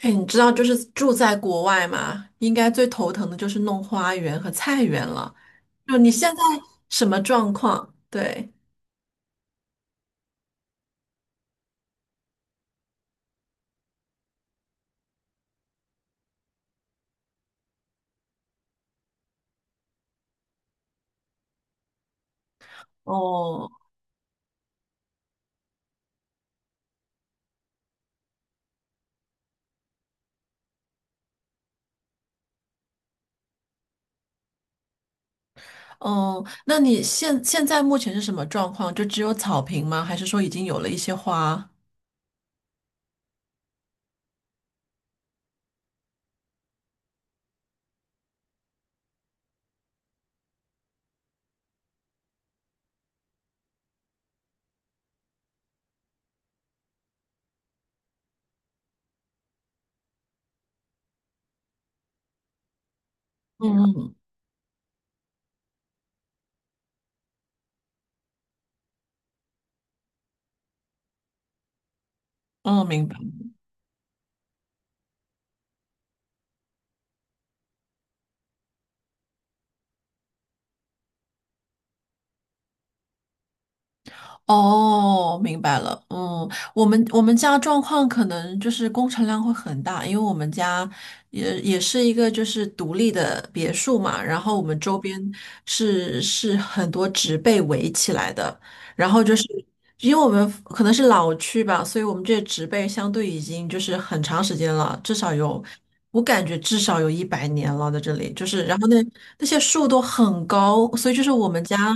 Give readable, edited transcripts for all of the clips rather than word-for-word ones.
哎，你知道就是住在国外嘛，应该最头疼的就是弄花园和菜园了。就你现在什么状况？对，哦，哦，那你现在目前是什么状况？就只有草坪吗？还是说已经有了一些花？嗯嗯，哦，明白。哦，明白了。嗯，我们家状况可能就是工程量会很大，因为我们家也是一个就是独立的别墅嘛，然后我们周边是很多植被围起来的，然后就是。因为我们可能是老区吧，所以我们这些植被相对已经就是很长时间了，至少有，我感觉至少有100年了，在这里就是，然后那些树都很高，所以就是我们家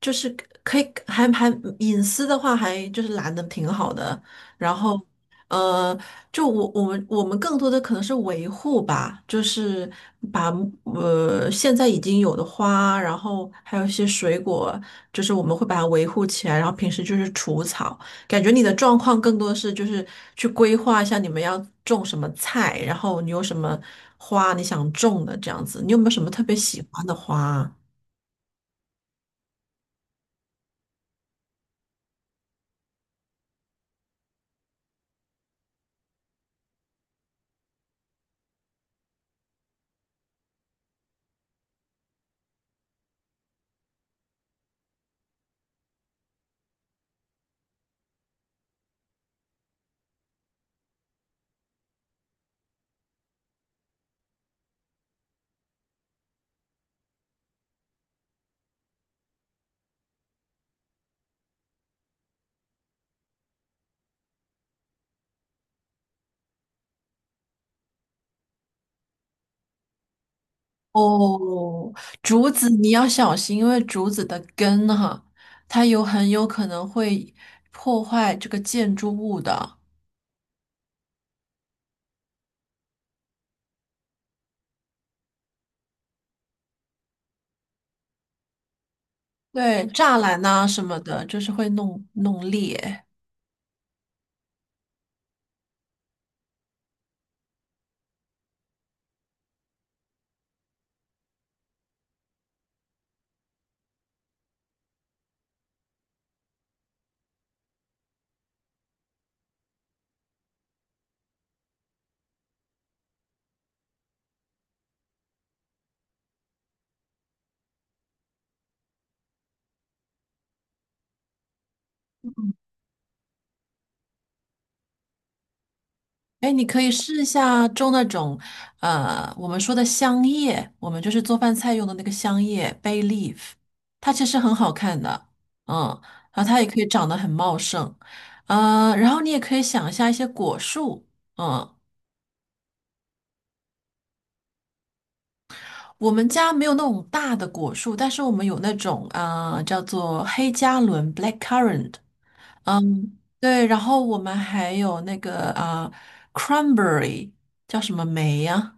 就是可以还隐私的话还就是拦的挺好的，然后，呃，就我们更多的可能是维护吧，就是把现在已经有的花，然后还有一些水果，就是我们会把它维护起来，然后平时就是除草。感觉你的状况更多的是就是去规划一下你们要种什么菜，然后你有什么花你想种的这样子。你有没有什么特别喜欢的花啊哦，竹子你要小心，因为竹子的根哈，它有很有可能会破坏这个建筑物的，对，栅栏呐、什么的，就是会弄裂。哎，你可以试一下种那种，我们说的香叶，我们就是做饭菜用的那个香叶 bay leaf，它其实很好看的，嗯，然后它也可以长得很茂盛，嗯，然后你也可以想一下一些果树，嗯。我们家没有那种大的果树，但是我们有那种啊叫做黑加仑 （blackcurrant），嗯，对，然后我们还有那个啊 cranberry，叫什么梅呀、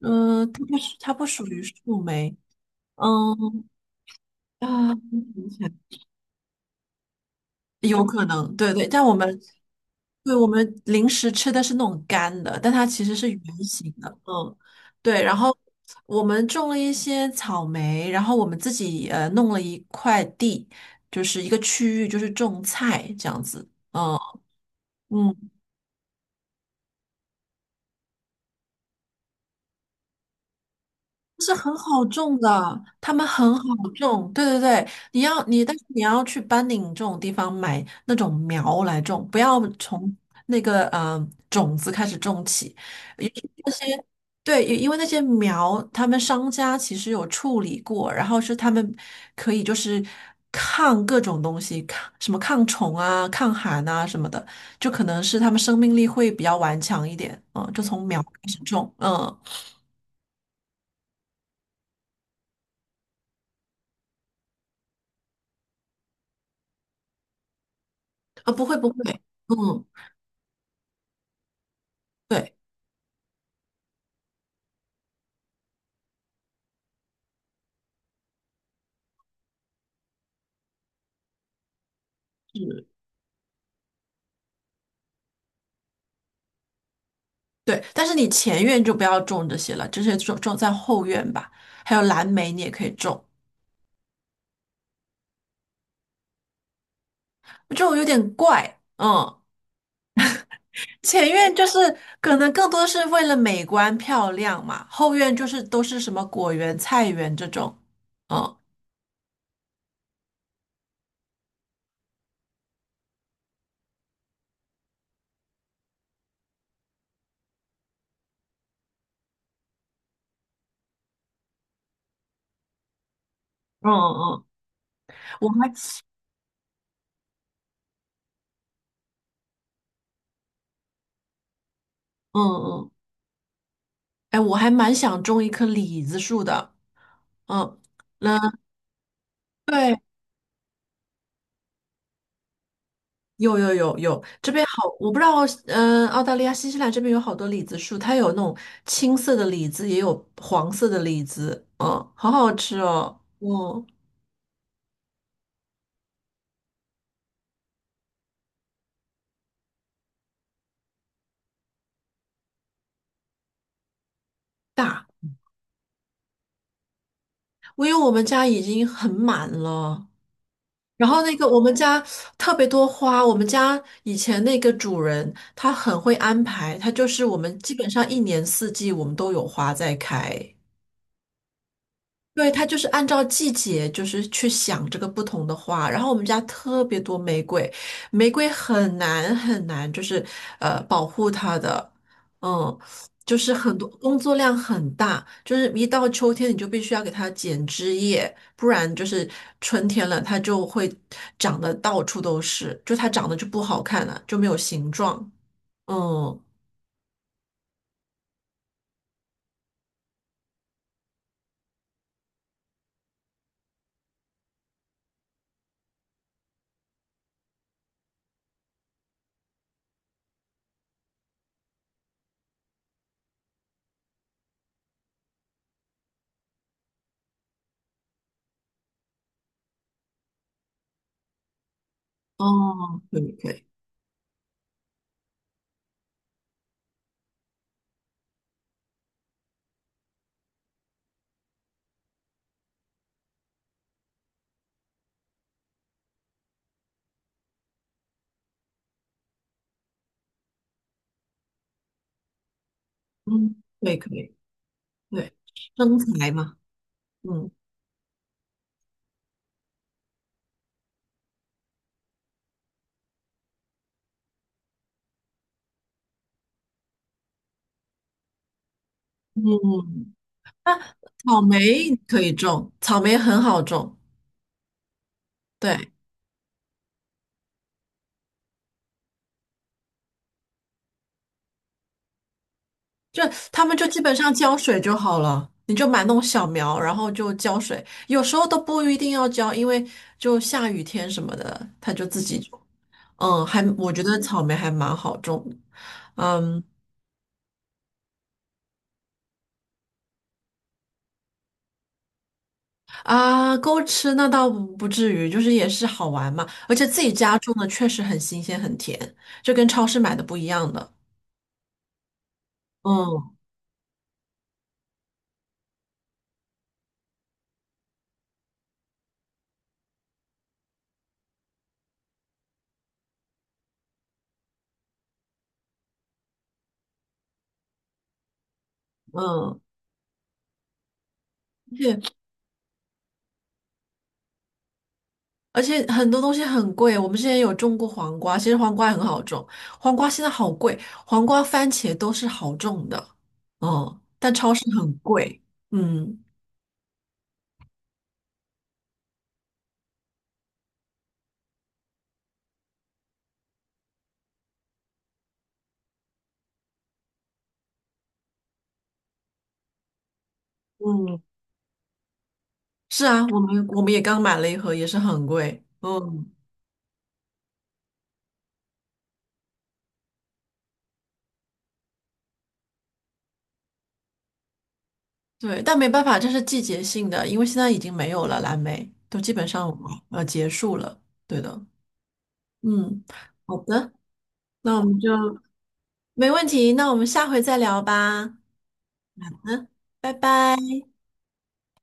嗯、它不是它不属于树莓，嗯啊，有可能，对对，但我们对我们零食吃的是那种干的，但它其实是圆形的，嗯，对。然后我们种了一些草莓，然后我们自己弄了一块地，就是一个区域，就是种菜这样子，嗯嗯。是很好种的，他们很好种。对对对，你要你，但是你要去班宁这种地方买那种苗来种，不要从那个种子开始种起。尤其那些对，因为那些苗，他们商家其实有处理过，然后是他们可以就是抗各种东西，抗什么抗虫啊、抗寒啊什么的，就可能是他们生命力会比较顽强一点。嗯，就从苗开始种。嗯，啊，不会不会。嗯，对，嗯，对，但是你前院就不要种这些了，这些种在后院吧。还有蓝莓，你也可以种，就有点怪，嗯。前院就是可能更多是为了美观漂亮嘛，后院就是都是什么果园、菜园这种，嗯嗯嗯，我还嗯嗯，哎，我还蛮想种一棵李子树的，嗯，那对。有有有有，这边好，我不知道，嗯、澳大利亚、新西兰这边有好多李子树，它有那种青色的李子，也有黄色的李子，嗯，好好吃哦，嗯，大，因为我们家已经很满了，然后那个我们家特别多花，我们家以前那个主人他很会安排，他就是我们基本上一年四季我们都有花在开，对，它就是按照季节，就是去想这个不同的花。然后我们家特别多玫瑰，玫瑰很难很难，就是保护它的，嗯，就是很多工作量很大，就是一到秋天你就必须要给它剪枝叶，不然就是春天了它就会长得到处都是，就它长得就不好看了，就没有形状。嗯，哦，可以可以，嗯，对可以，对，身材嘛，嗯嗯。啊，草莓可以种，草莓很好种，对，就他们就基本上浇水就好了，你就买那种小苗，然后就浇水，有时候都不一定要浇，因为就下雨天什么的，它就自己种嗯，还我觉得草莓还蛮好种的嗯啊，够吃那倒不至于，就是也是好玩嘛，而且自己家种的确实很新鲜很甜，就跟超市买的不一样的。嗯嗯，而且而且很多东西很贵，我们之前有种过黄瓜，其实黄瓜也很好种，黄瓜现在好贵，黄瓜、番茄都是好种的，嗯，但超市很贵，嗯，嗯，是啊，我们也刚买了一盒，也是很贵，嗯，对，但没办法，这是季节性的，因为现在已经没有了蓝莓，都基本上结束了，对的，嗯，好的，那我们就没问题，那我们下回再聊吧，好的，拜拜。